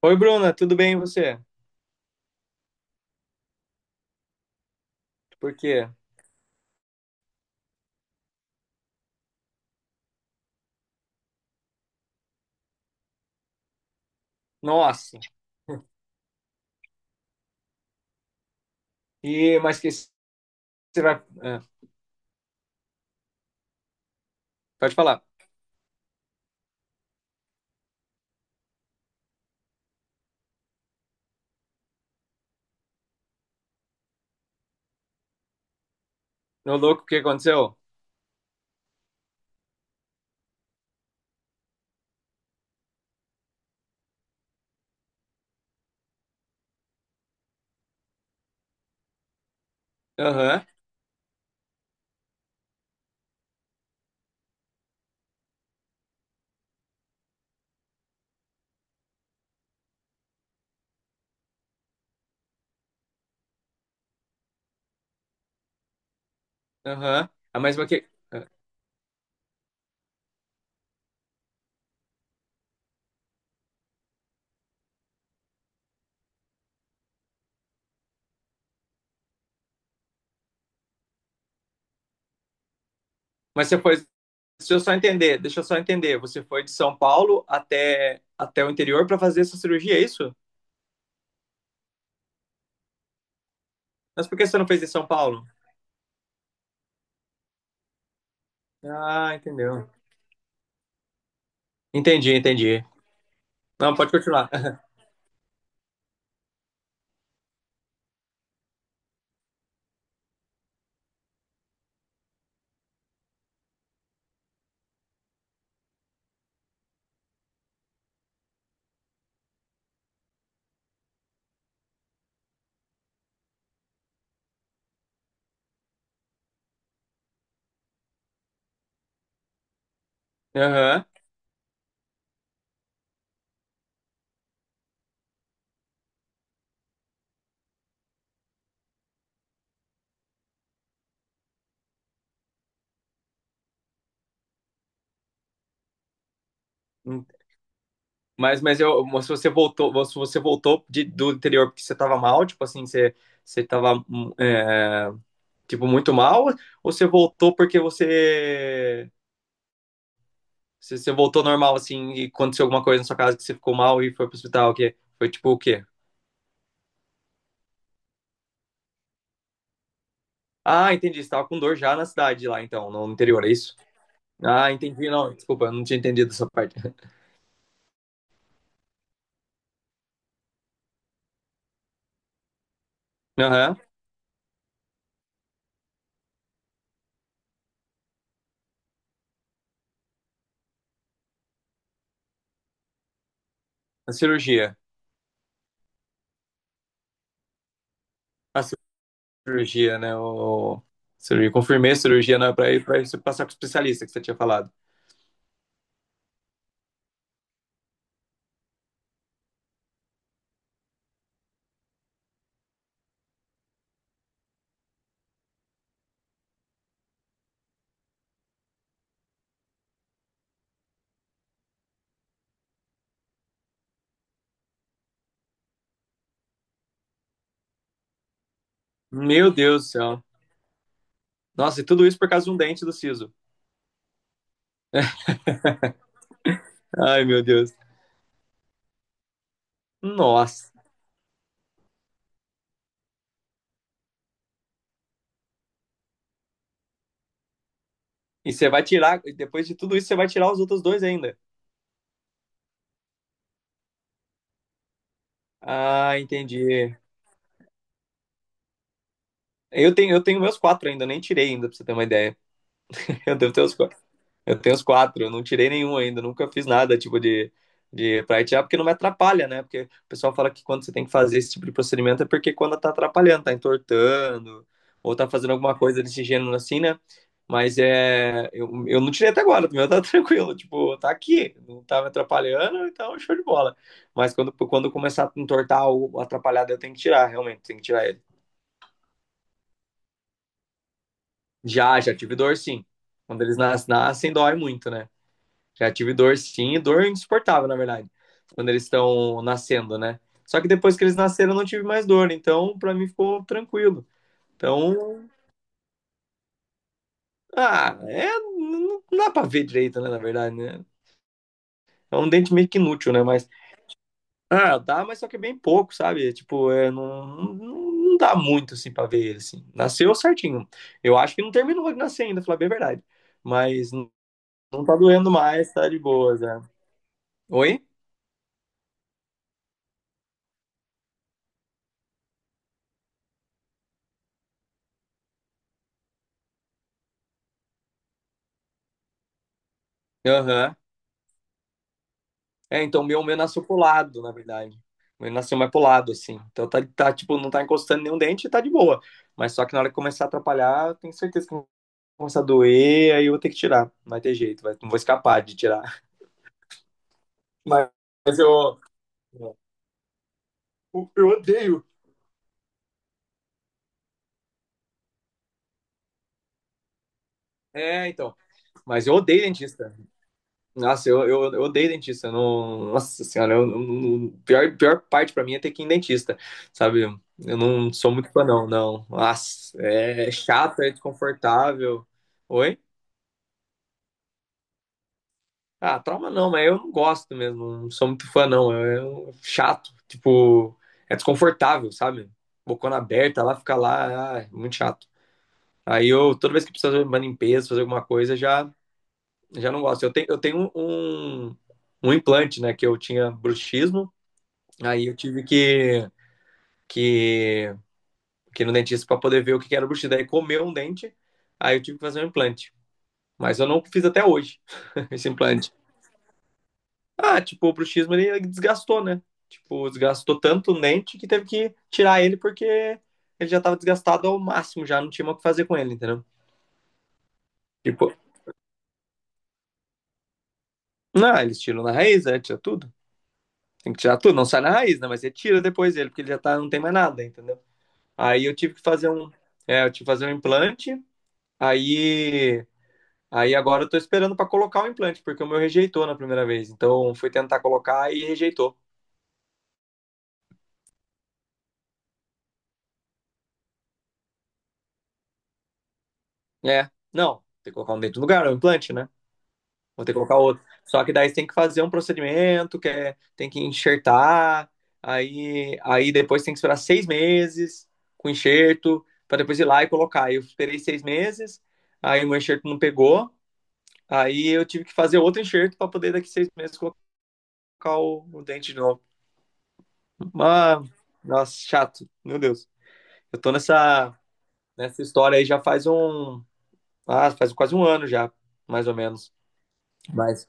Oi, Bruna, tudo bem e você? Por quê? Nossa. E mas que você vai, ah, pode falar. Meu louco, o que aconteceu? Aham, aham. Ah, mas o que? Ah, Mas você foi, deixa eu só entender, deixa eu só entender. Você foi de São Paulo até o interior para fazer essa cirurgia, é isso? Mas por que você não fez em São Paulo? Ah, entendeu. Entendi, entendi. Não, pode continuar. Aham. Mas se você voltou do interior porque você tava mal, tipo assim, você tava, tipo, muito mal, ou você voltou porque você voltou normal, assim, e aconteceu alguma coisa na sua casa que você ficou mal e foi pro hospital, o quê? Foi tipo o quê? Ah, entendi, você tava com dor já na cidade lá, então, no interior, é isso? Ah, entendi, não, desculpa, eu não tinha entendido essa parte. Aham, a cirurgia. A cirurgia, né? O... Cirurgia. Confirmei a cirurgia né, para você passar com o especialista que você tinha falado. Meu Deus do céu. Nossa, e tudo isso por causa de um dente do siso. Ai, meu Deus. Nossa. E você vai tirar, e depois de tudo isso, você vai tirar os outros dois ainda. Ah, entendi. Eu tenho meus quatro ainda, eu nem tirei ainda, pra você ter uma ideia. Eu devo ter os quatro. Eu tenho os quatro, eu não tirei nenhum ainda, nunca fiz nada tipo de, pra itiar, porque não me atrapalha, né? Porque o pessoal fala que quando você tem que fazer esse tipo de procedimento é porque quando tá atrapalhando, tá entortando, ou tá fazendo alguma coisa desse gênero assim, né? Mas é, eu não tirei até agora, o meu tá tranquilo, tipo, tá aqui, não tá me atrapalhando, então show de bola. Mas quando começar a entortar ou atrapalhar, daí eu tenho que tirar, realmente, tenho que tirar ele. Já, já tive dor sim. Quando eles nascem, dói muito, né? Já tive dor sim, dor insuportável, na verdade, quando eles estão nascendo, né? Só que depois que eles nasceram eu não tive mais dor, então pra mim ficou tranquilo. Então, ah, é, não dá pra ver direito, né, na verdade, né? É um dente meio que inútil, né? Mas, ah, dá, mas só que é bem pouco, sabe? É, tipo, é, não dá muito, assim, pra ver ele, assim. Nasceu certinho. Eu acho que não terminou de nascer ainda, pra falar bem a verdade. Mas não, não tá doendo mais, tá de boas, né? Oi? Aham. É, então o meu nasceu pro lado, na verdade. O meu nasceu mais pro lado, assim. Então tá, tipo, não tá encostando nenhum dente e tá de boa. Mas só que na hora que começar a atrapalhar, eu tenho certeza que vai começar a doer, aí eu vou ter que tirar. Não vai ter jeito, não vou escapar de tirar. Mas eu, eu odeio. É, então. Mas eu odeio dentista. Nossa, eu odeio dentista. Eu Não, nossa senhora, eu não- pior, pior parte pra mim é ter que ir em dentista, sabe? Eu não sou muito fã, não, não. Nossa, é chato, é desconfortável. Oi? Ah, trauma não, mas eu não gosto mesmo. Não sou muito fã, não. Chato, tipo, é desconfortável, sabe? Bocona aberta lá, fica lá, ah, é muito chato. Aí eu, toda vez que preciso fazer uma limpeza, fazer alguma coisa, já, já não gosto. Eu tenho um, um implante, né, que eu tinha bruxismo. Aí eu tive que, que ir no dentista para poder ver o que que era o buchido. Aí comeu um dente, aí eu tive que fazer um implante. Mas eu não fiz até hoje esse implante. Ah, tipo, o bruxismo ele desgastou, né? Tipo, desgastou tanto o dente que teve que tirar ele porque ele já tava desgastado ao máximo, já não tinha mais o que fazer com ele, entendeu? Tipo, não, eles tiram na raiz, né? Tira tudo. Tem que tirar tudo, não sai na raiz, né? Mas você tira depois ele, porque ele já tá, não tem mais nada, entendeu? Aí eu tive que fazer um. É, eu tive que fazer um implante. Aí Aí agora eu tô esperando pra colocar o implante, porque o meu rejeitou na primeira vez. Então fui tentar colocar e rejeitou. É, não, tem que colocar um dentro do lugar, é um implante, né? Vou ter que colocar outro. Só que daí você tem que fazer um procedimento, que é, tem que enxertar, aí depois tem que esperar 6 meses com enxerto, pra depois ir lá e colocar. Aí eu esperei 6 meses, aí o meu enxerto não pegou, aí eu tive que fazer outro enxerto pra poder daqui 6 meses colocar o dente de novo. Ah, nossa, chato, meu Deus. Eu tô nessa história aí já faz um. Ah, faz quase um ano já, mais ou menos. Mas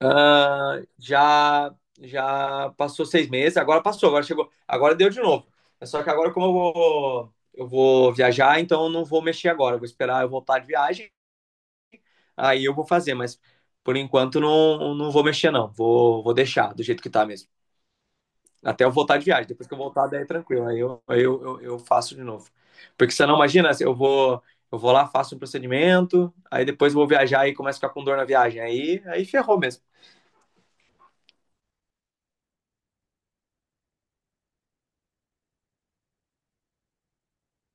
ah, já já passou 6 meses, agora passou, agora chegou, agora deu de novo. É só que agora, como eu vou viajar, então eu não vou mexer agora. Eu vou esperar eu voltar de viagem, aí eu vou fazer, mas por enquanto não, não vou mexer, não. Vou deixar do jeito que tá mesmo. Até eu voltar de viagem. Depois que eu voltar, daí é tranquilo. Aí eu faço de novo. Porque você não imagina, assim, eu vou lá, faço um procedimento, aí depois vou viajar e começo a ficar com dor na viagem. Aí ferrou mesmo.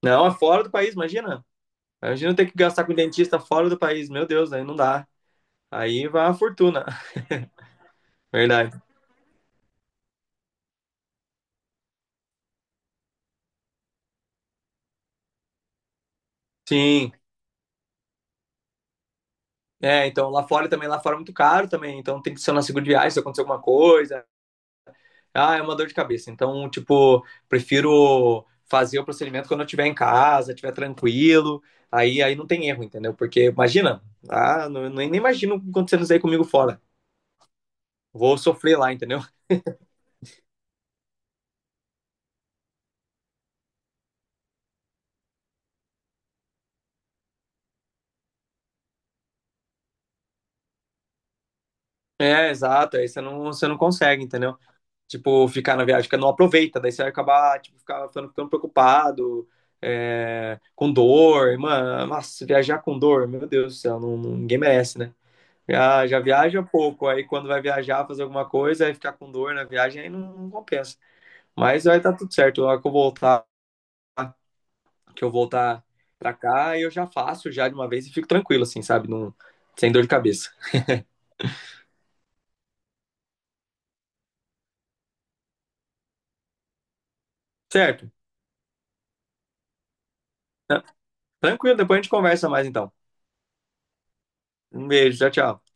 Não, é fora do país, imagina. Imagina ter que gastar com dentista fora do país. Meu Deus, aí não dá. Aí vai uma fortuna. Verdade. Sim. É, então lá fora também, lá fora é muito caro também. Então tem que ser na segunda viagem se acontecer alguma coisa. Ah, é uma dor de cabeça. Então, tipo, prefiro fazer o procedimento quando eu estiver em casa, estiver tranquilo. Aí não tem erro, entendeu? Porque imagina, ah, não, nem imagino acontecendo isso aí comigo fora. Vou sofrer lá, entendeu? É, exato. Aí você não consegue, entendeu? Tipo, ficar na viagem, que não aproveita. Daí você vai acabar, tipo, ficando preocupado, com dor. Mano, nossa, viajar com dor, meu Deus do céu, ninguém merece, né? Já, já viaja pouco, aí quando vai viajar, fazer alguma coisa, aí ficar com dor na viagem, aí não, não compensa. Mas vai estar tudo certo. Na hora que eu voltar pra cá, eu já faço já de uma vez e fico tranquilo, assim, sabe? Não, sem dor de cabeça. Certo? Tá- Tranquilo, depois a gente conversa mais então. Um beijo, tchau, tchau.